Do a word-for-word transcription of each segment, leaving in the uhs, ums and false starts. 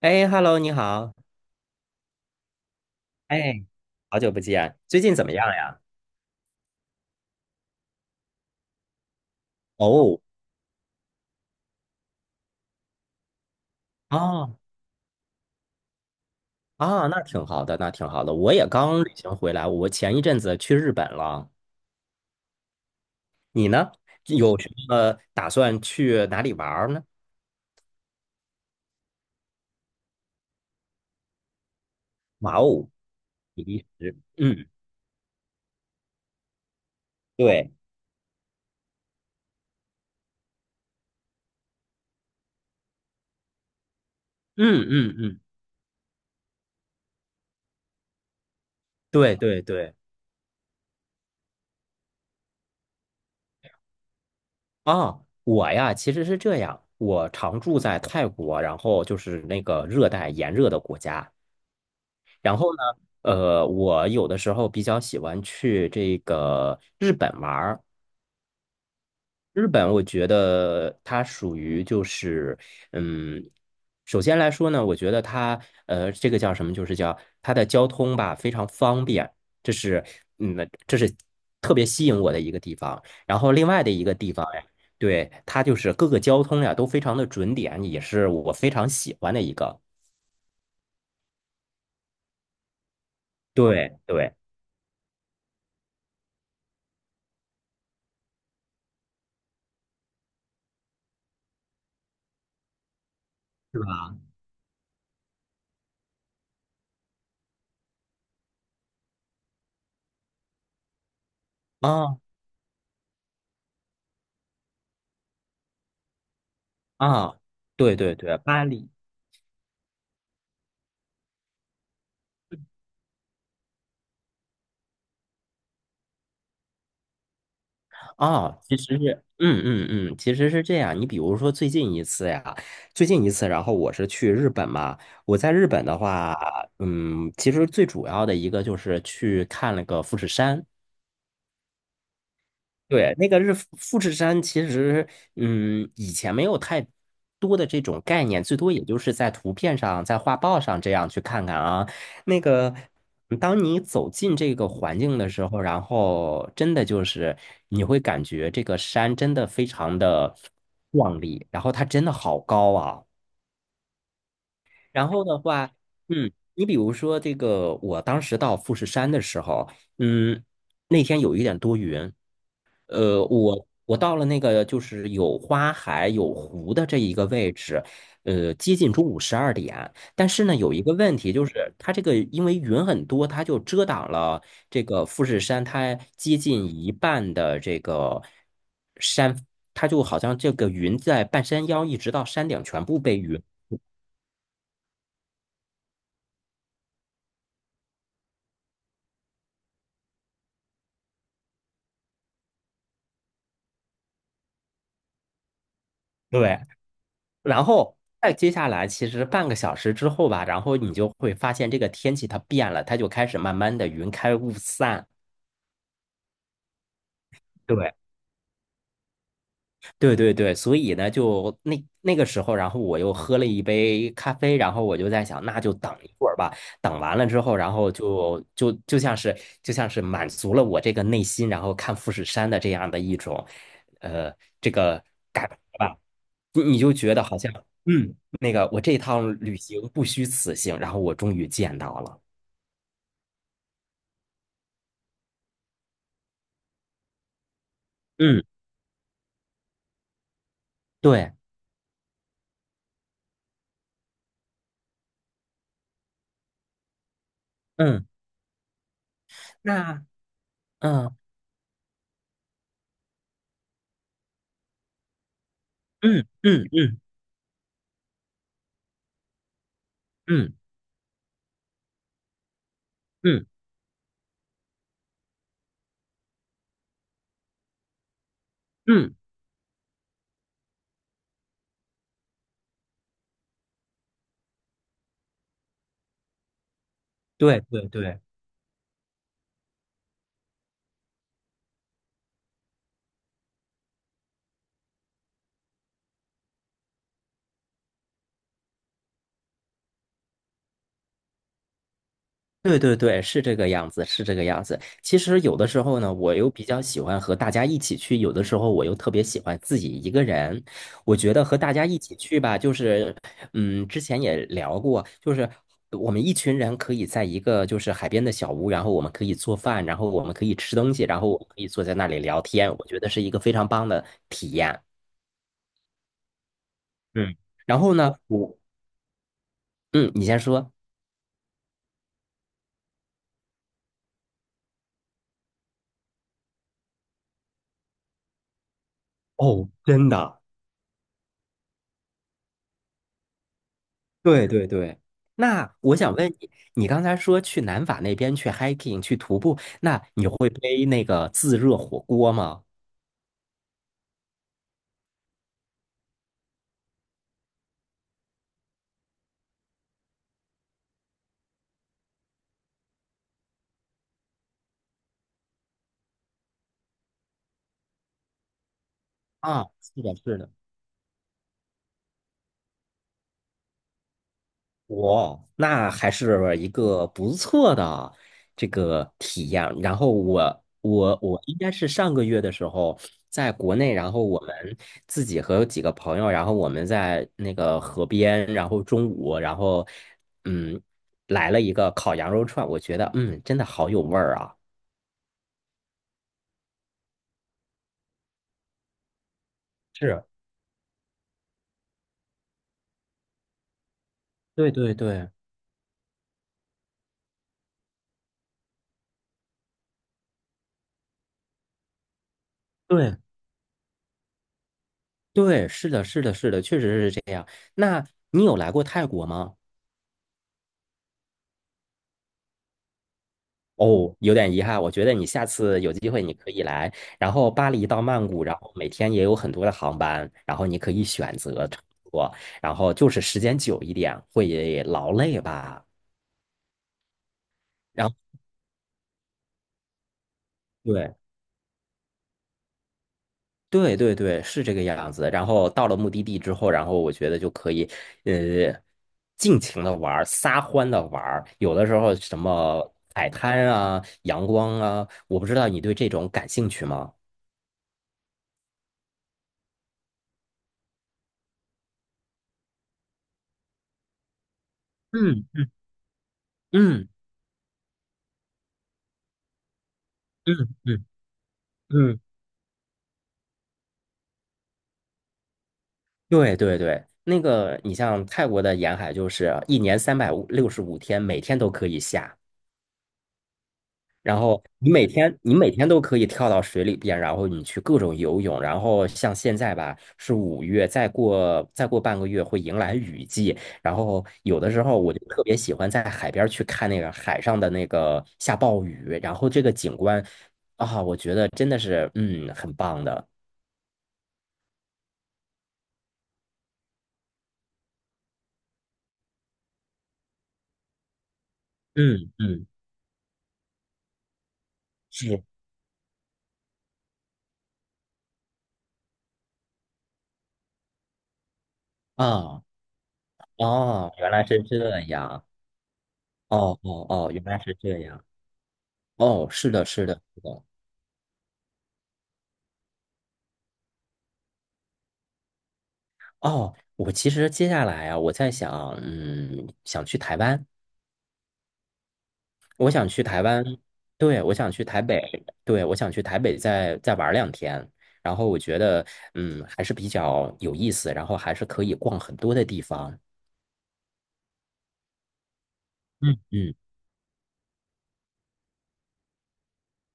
哎，Hello，你好。哎，好久不见，最近怎么样呀？哦。哦。啊，那挺好的，那挺好的。我也刚旅行回来，我前一阵子去日本了。你呢？有什么打算去哪里玩儿呢？哇哦，比利时，嗯。对。嗯嗯嗯。对对对。啊，我呀，其实是这样，我常住在泰国，然后就是那个热带炎热的国家。然后呢，呃，我有的时候比较喜欢去这个日本玩儿。日本，我觉得它属于就是，嗯，首先来说呢，我觉得它，呃，这个叫什么？就是叫它的交通吧，非常方便。这是，嗯，这是特别吸引我的一个地方。然后另外的一个地方呀，对，它就是各个交通呀都非常的准点，也是我非常喜欢的一个。对对，是吧？啊。啊，对对对，巴黎啊，其实是，嗯嗯嗯，其实是这样。你比如说最近一次呀，最近一次，然后我是去日本嘛。我在日本的话，嗯，其实最主要的一个就是去看了个富士山。对，那个日富富士山，其实嗯，以前没有太多的这种概念，最多也就是在图片上、在画报上这样去看看啊。那个，嗯当你走进这个环境的时候，然后真的就是你会感觉这个山真的非常的壮丽，然后它真的好高啊。然后的话，嗯，你比如说这个，我当时到富士山的时候，嗯，那天有一点多云。呃，我我到了那个就是有花海、有湖的这一个位置，呃，接近中午十二点。但是呢，有一个问题就是，它这个因为云很多，它就遮挡了这个富士山，它接近一半的这个山，它就好像这个云在半山腰一直到山顶全部被云。对，然后再接下来，其实半个小时之后吧，然后你就会发现这个天气它变了，它就开始慢慢的云开雾散。对。对对对，所以呢，就那那个时候，然后我又喝了一杯咖啡，然后我就在想，那就等一会儿吧。等完了之后，然后就就就像是就像是满足了我这个内心，然后看富士山的这样的一种，呃，这个感觉吧。你你就觉得好像，嗯，那个我这趟旅行不虚此行，然后我终于见到了。嗯。对。嗯。那嗯嗯嗯嗯嗯嗯嗯。对对对。对对对，是这个样子，是这个样子。其实有的时候呢，我又比较喜欢和大家一起去，有的时候我又特别喜欢自己一个人。我觉得和大家一起去吧，就是，嗯，之前也聊过，就是我们一群人可以在一个就是海边的小屋，然后我们可以做饭，然后我们可以吃东西，然后我们可以坐在那里聊天，我觉得是一个非常棒的体验。嗯，然后呢，我，嗯，你先说。哦，真的。对对对，那我想问你，你刚才说去南法那边去 hiking 去徒步，那你会背那个自热火锅吗？啊，是的，是的。哇，那还是一个不错的这个体验。然后我我我应该是上个月的时候在国内，然后我们自己和几个朋友，然后我们在那个河边，然后中午，然后嗯来了一个烤羊肉串，我觉得嗯真的好有味儿啊。是。对对对对对，是的，是的，是的，确实是这样。那你有来过泰国吗？哦，有点遗憾，我觉得你下次有机会你可以来。然后巴黎到曼谷，然后每天也有很多的航班，然后你可以选择乘坐，然后就是时间久一点会劳累吧。然后对。对对对，是这个样子。然后到了目的地之后，然后我觉得就可以，呃，尽情的玩儿，撒欢的玩儿。有的时候什么海滩啊、阳光啊，我不知道你对这种感兴趣吗？嗯嗯嗯嗯嗯。对对对，那个你像泰国的沿海，就是一年三百六十五天，每天都可以下。然后你每天你每天都可以跳到水里边，然后你去各种游泳，然后像现在吧是五月，再过再过半个月会迎来雨季，然后有的时候我就特别喜欢在海边去看那个海上的那个下暴雨，然后这个景观啊，我觉得真的是嗯很棒的。嗯嗯是啊。哦，原来是这样。哦哦哦，原来是这样。哦是的是的是的。哦，我其实接下来啊，我在想，嗯，想去台湾。我想去台湾。对，我想去台北。对，我想去台北再再玩两天。然后我觉得，嗯，还是比较有意思，然后还是可以逛很多的地方。嗯嗯。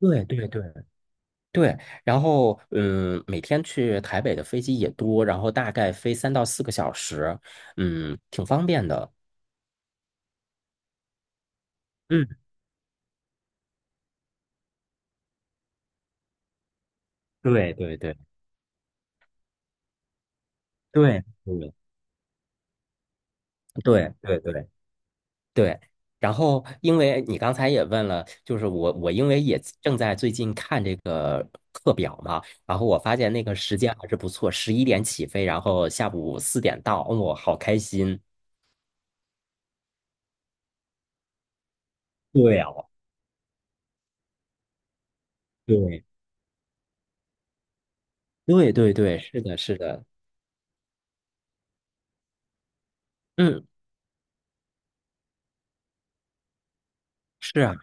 对对对对。然后，嗯，每天去台北的飞机也多，然后大概飞三到四个小时，嗯，挺方便的。嗯。对对对对对对对对。对，然后因为你刚才也问了，就是我我因为也正在最近看这个课表嘛，然后我发现那个时间还是不错，十一点起飞，然后下午四点到，哦，好开心。对哦。对。对对对，是的，是的。嗯，是啊。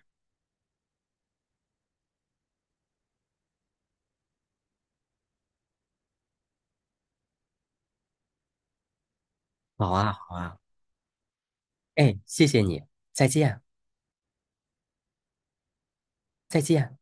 好啊，好啊。哎，谢谢你。再见。再见。